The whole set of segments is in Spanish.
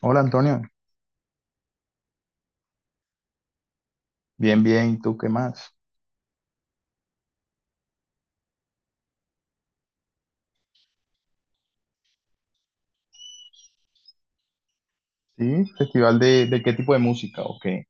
Hola, Antonio. Bien, bien, ¿y tú qué más? Sí, festival de qué tipo de música, ¿o qué?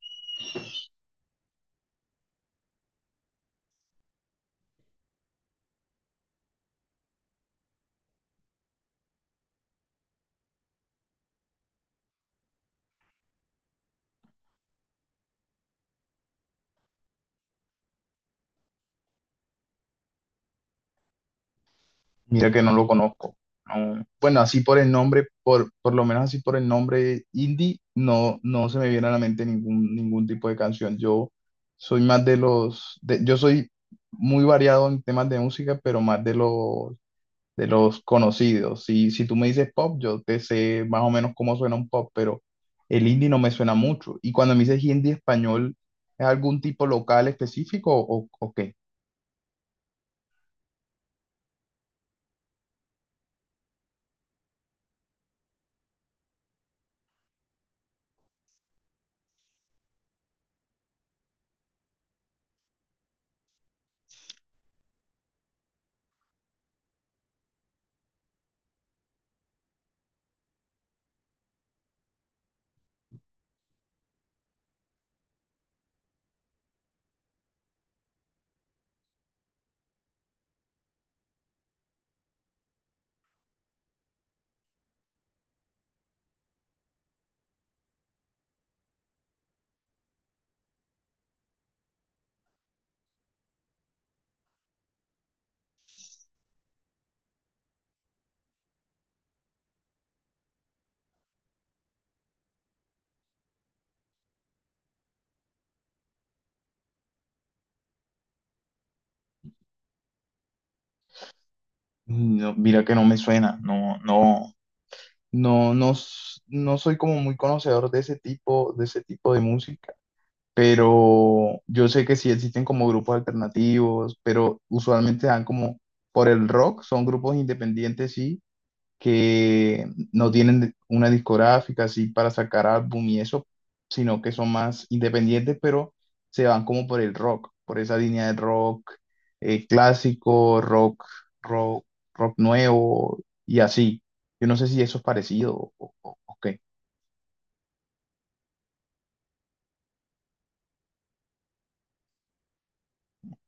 Mira que no lo conozco. No. Bueno, así por el nombre, por lo menos así por el nombre indie, no, no se me viene a la mente ningún tipo de canción. Yo soy más de yo soy muy variado en temas de música, pero más de los conocidos. Si tú me dices pop, yo te sé más o menos cómo suena un pop, pero el indie no me suena mucho. Y cuando me dices indie español, ¿es algún tipo local específico, o qué? No, mira que no me suena. No soy como muy conocedor de ese tipo, de ese tipo de música. Pero yo sé que sí existen como grupos alternativos, pero usualmente dan como por el rock, son grupos independientes, sí, que no tienen una discográfica así para sacar álbum y eso, sino que son más independientes, pero se van como por el rock, por esa línea de rock, clásico, rock, rock, rock nuevo y así. Yo no sé si eso es parecido o qué.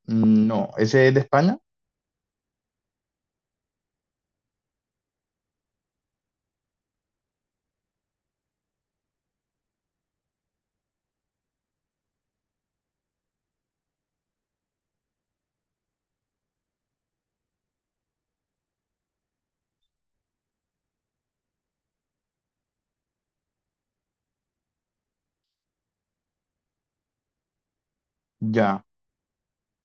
No, ese es de España. Ya.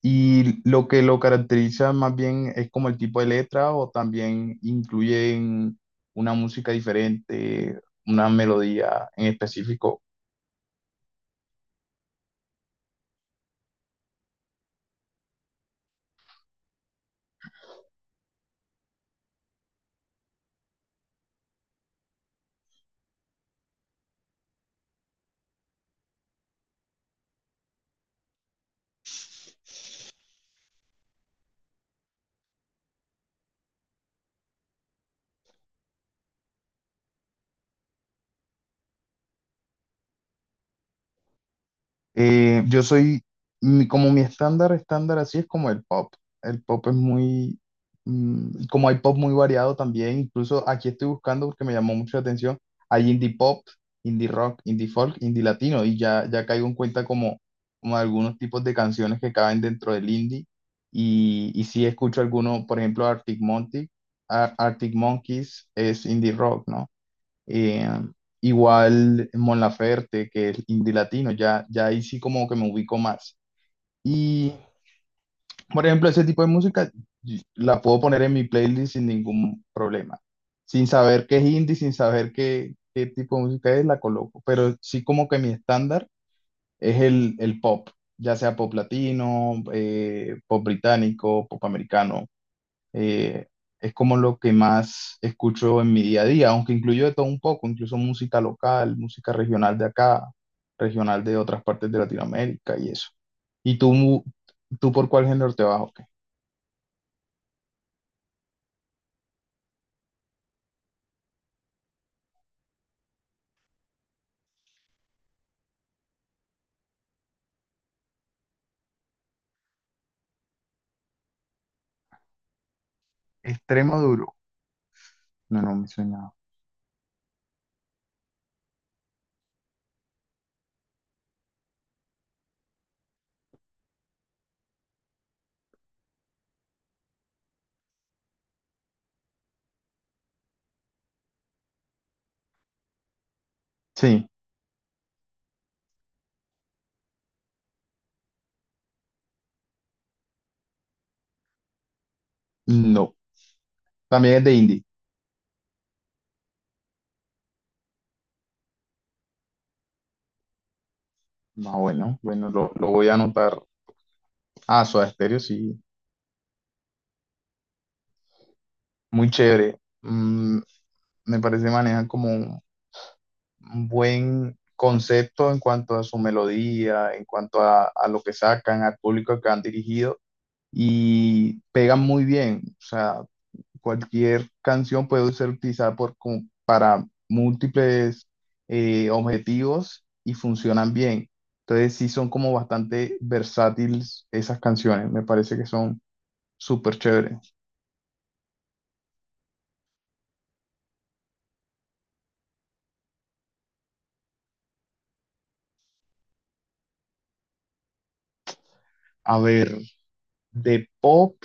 Y lo que lo caracteriza más bien es como el tipo de letra, o también incluyen una música diferente, una melodía en específico. Eh, yo soy, Como mi estándar, estándar así, es como el pop. El pop es muy, como hay pop muy variado también. Incluso aquí estoy buscando porque me llamó mucho la atención, hay indie pop, indie rock, indie folk, indie latino, y ya, ya caigo en cuenta como, como algunos tipos de canciones que caben dentro del indie, y sí escucho algunos, por ejemplo, Arctic Monkey, Arctic Monkeys, es indie rock, ¿no? Eh, Igual Mon Laferte, que es indie latino, ya, ya ahí sí como que me ubico más. Y, por ejemplo, ese tipo de música la puedo poner en mi playlist sin ningún problema. Sin saber qué es indie, sin saber qué tipo de música es, la coloco. Pero sí, como que mi estándar es el pop, ya sea pop latino, pop británico, pop americano, eh, es como lo que más escucho en mi día a día, aunque incluyo de todo un poco, incluso música local, música regional de acá, regional de otras partes de Latinoamérica y eso. ¿Y tú, tú por cuál género te vas, o qué? Extremo duro. No, no me suena. Sí, no. También es de indie. Ah, bueno, bueno, lo voy a anotar. Ah, Soda Stereo, sí, muy chévere. Me parece manejan como un buen concepto en cuanto a su melodía, en cuanto a lo que sacan, al público que han dirigido, y pegan muy bien. O sea, cualquier canción puede ser utilizada por, como para múltiples, objetivos, y funcionan bien. Entonces sí son como bastante versátiles esas canciones. Me parece que son súper chéveres. A ver, de pop,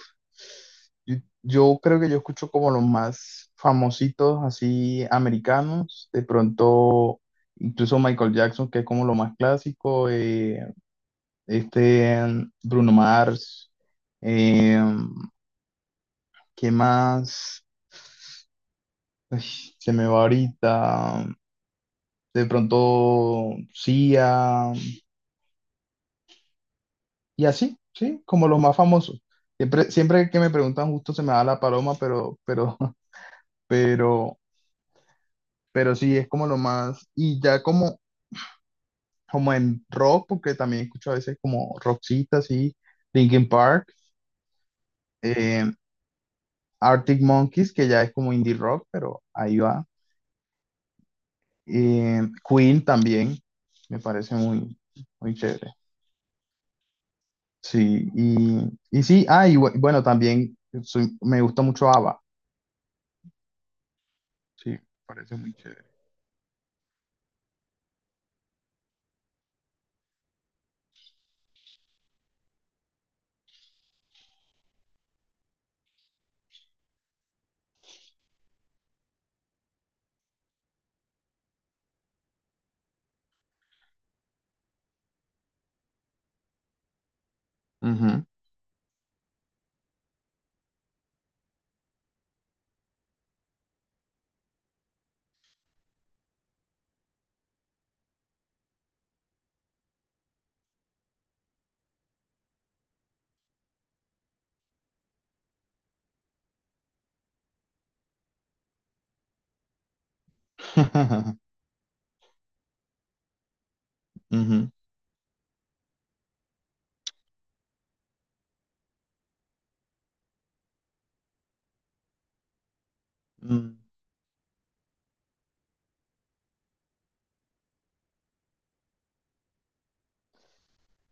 yo creo que yo escucho como los más famositos, así americanos, de pronto, incluso Michael Jackson, que es como lo más clásico. Este Bruno Mars, eh, ¿qué más? Ay, se me va ahorita, de pronto Sia, y así, sí, como los más famosos. Siempre, siempre que me preguntan justo se me da la paloma, pero, pero, pero sí, es como lo más. Y ya como como en rock, porque también escucho a veces como Roxita, así, Linkin Park, eh, Arctic Monkeys, que ya es como indie rock, pero ahí va. Eh, Queen también, me parece muy, muy chévere. Sí, y sí, ah, bueno, también me gusta mucho ABBA, sí, me parece muy chévere. Ujú. Ujú. Mm.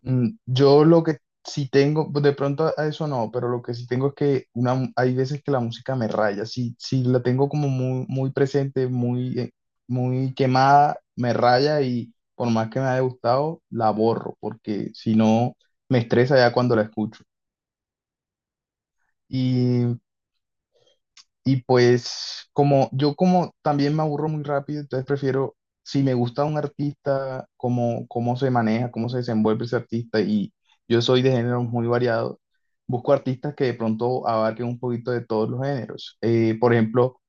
Yo lo que sí tengo, pues, de pronto a eso no, pero lo que sí tengo es que una, hay veces que la música me raya. Si la tengo como muy, muy presente, muy, muy quemada, me raya, y por más que me haya gustado, la borro, porque si no, me estresa ya cuando la escucho. Y pues como yo como también me aburro muy rápido, entonces prefiero, si me gusta un artista, cómo, cómo se maneja, cómo se desenvuelve ese artista, y yo soy de géneros muy variados, busco artistas que de pronto abarquen un poquito de todos los géneros. Por ejemplo,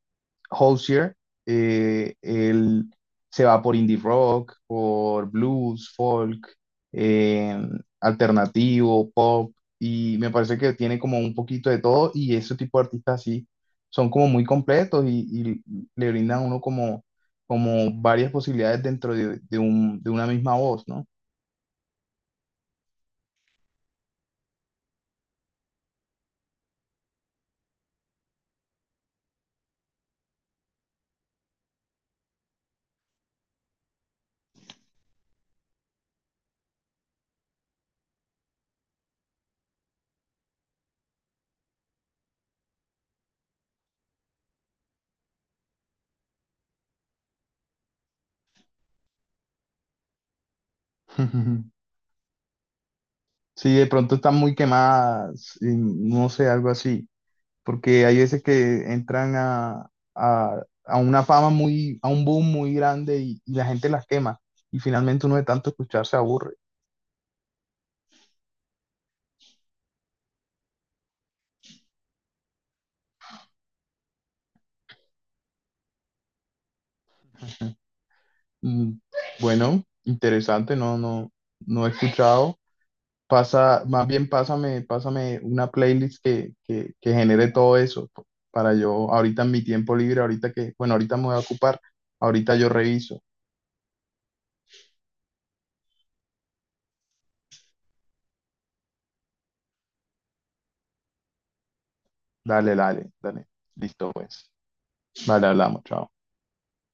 Hozier, él se va por indie rock, por blues, folk, eh, alternativo, pop, y me parece que tiene como un poquito de todo, y ese tipo de artistas así son como muy completos, y le brindan a uno como, como varias posibilidades dentro de, de una misma voz, ¿no? Si de pronto están muy quemadas, y no sé, algo así. Porque hay veces que entran a, a una fama muy, a un boom muy grande, y la gente las quema, y finalmente uno de tanto escuchar se aburre. Mm, Bueno, interesante, no, no, no he escuchado. Pasa, más bien pásame, pásame una playlist que genere todo eso para yo, ahorita en mi tiempo libre, ahorita que, bueno, ahorita me voy a ocupar, ahorita yo reviso. Dale, dale, dale. Listo, pues. Vale, hablamos, chao.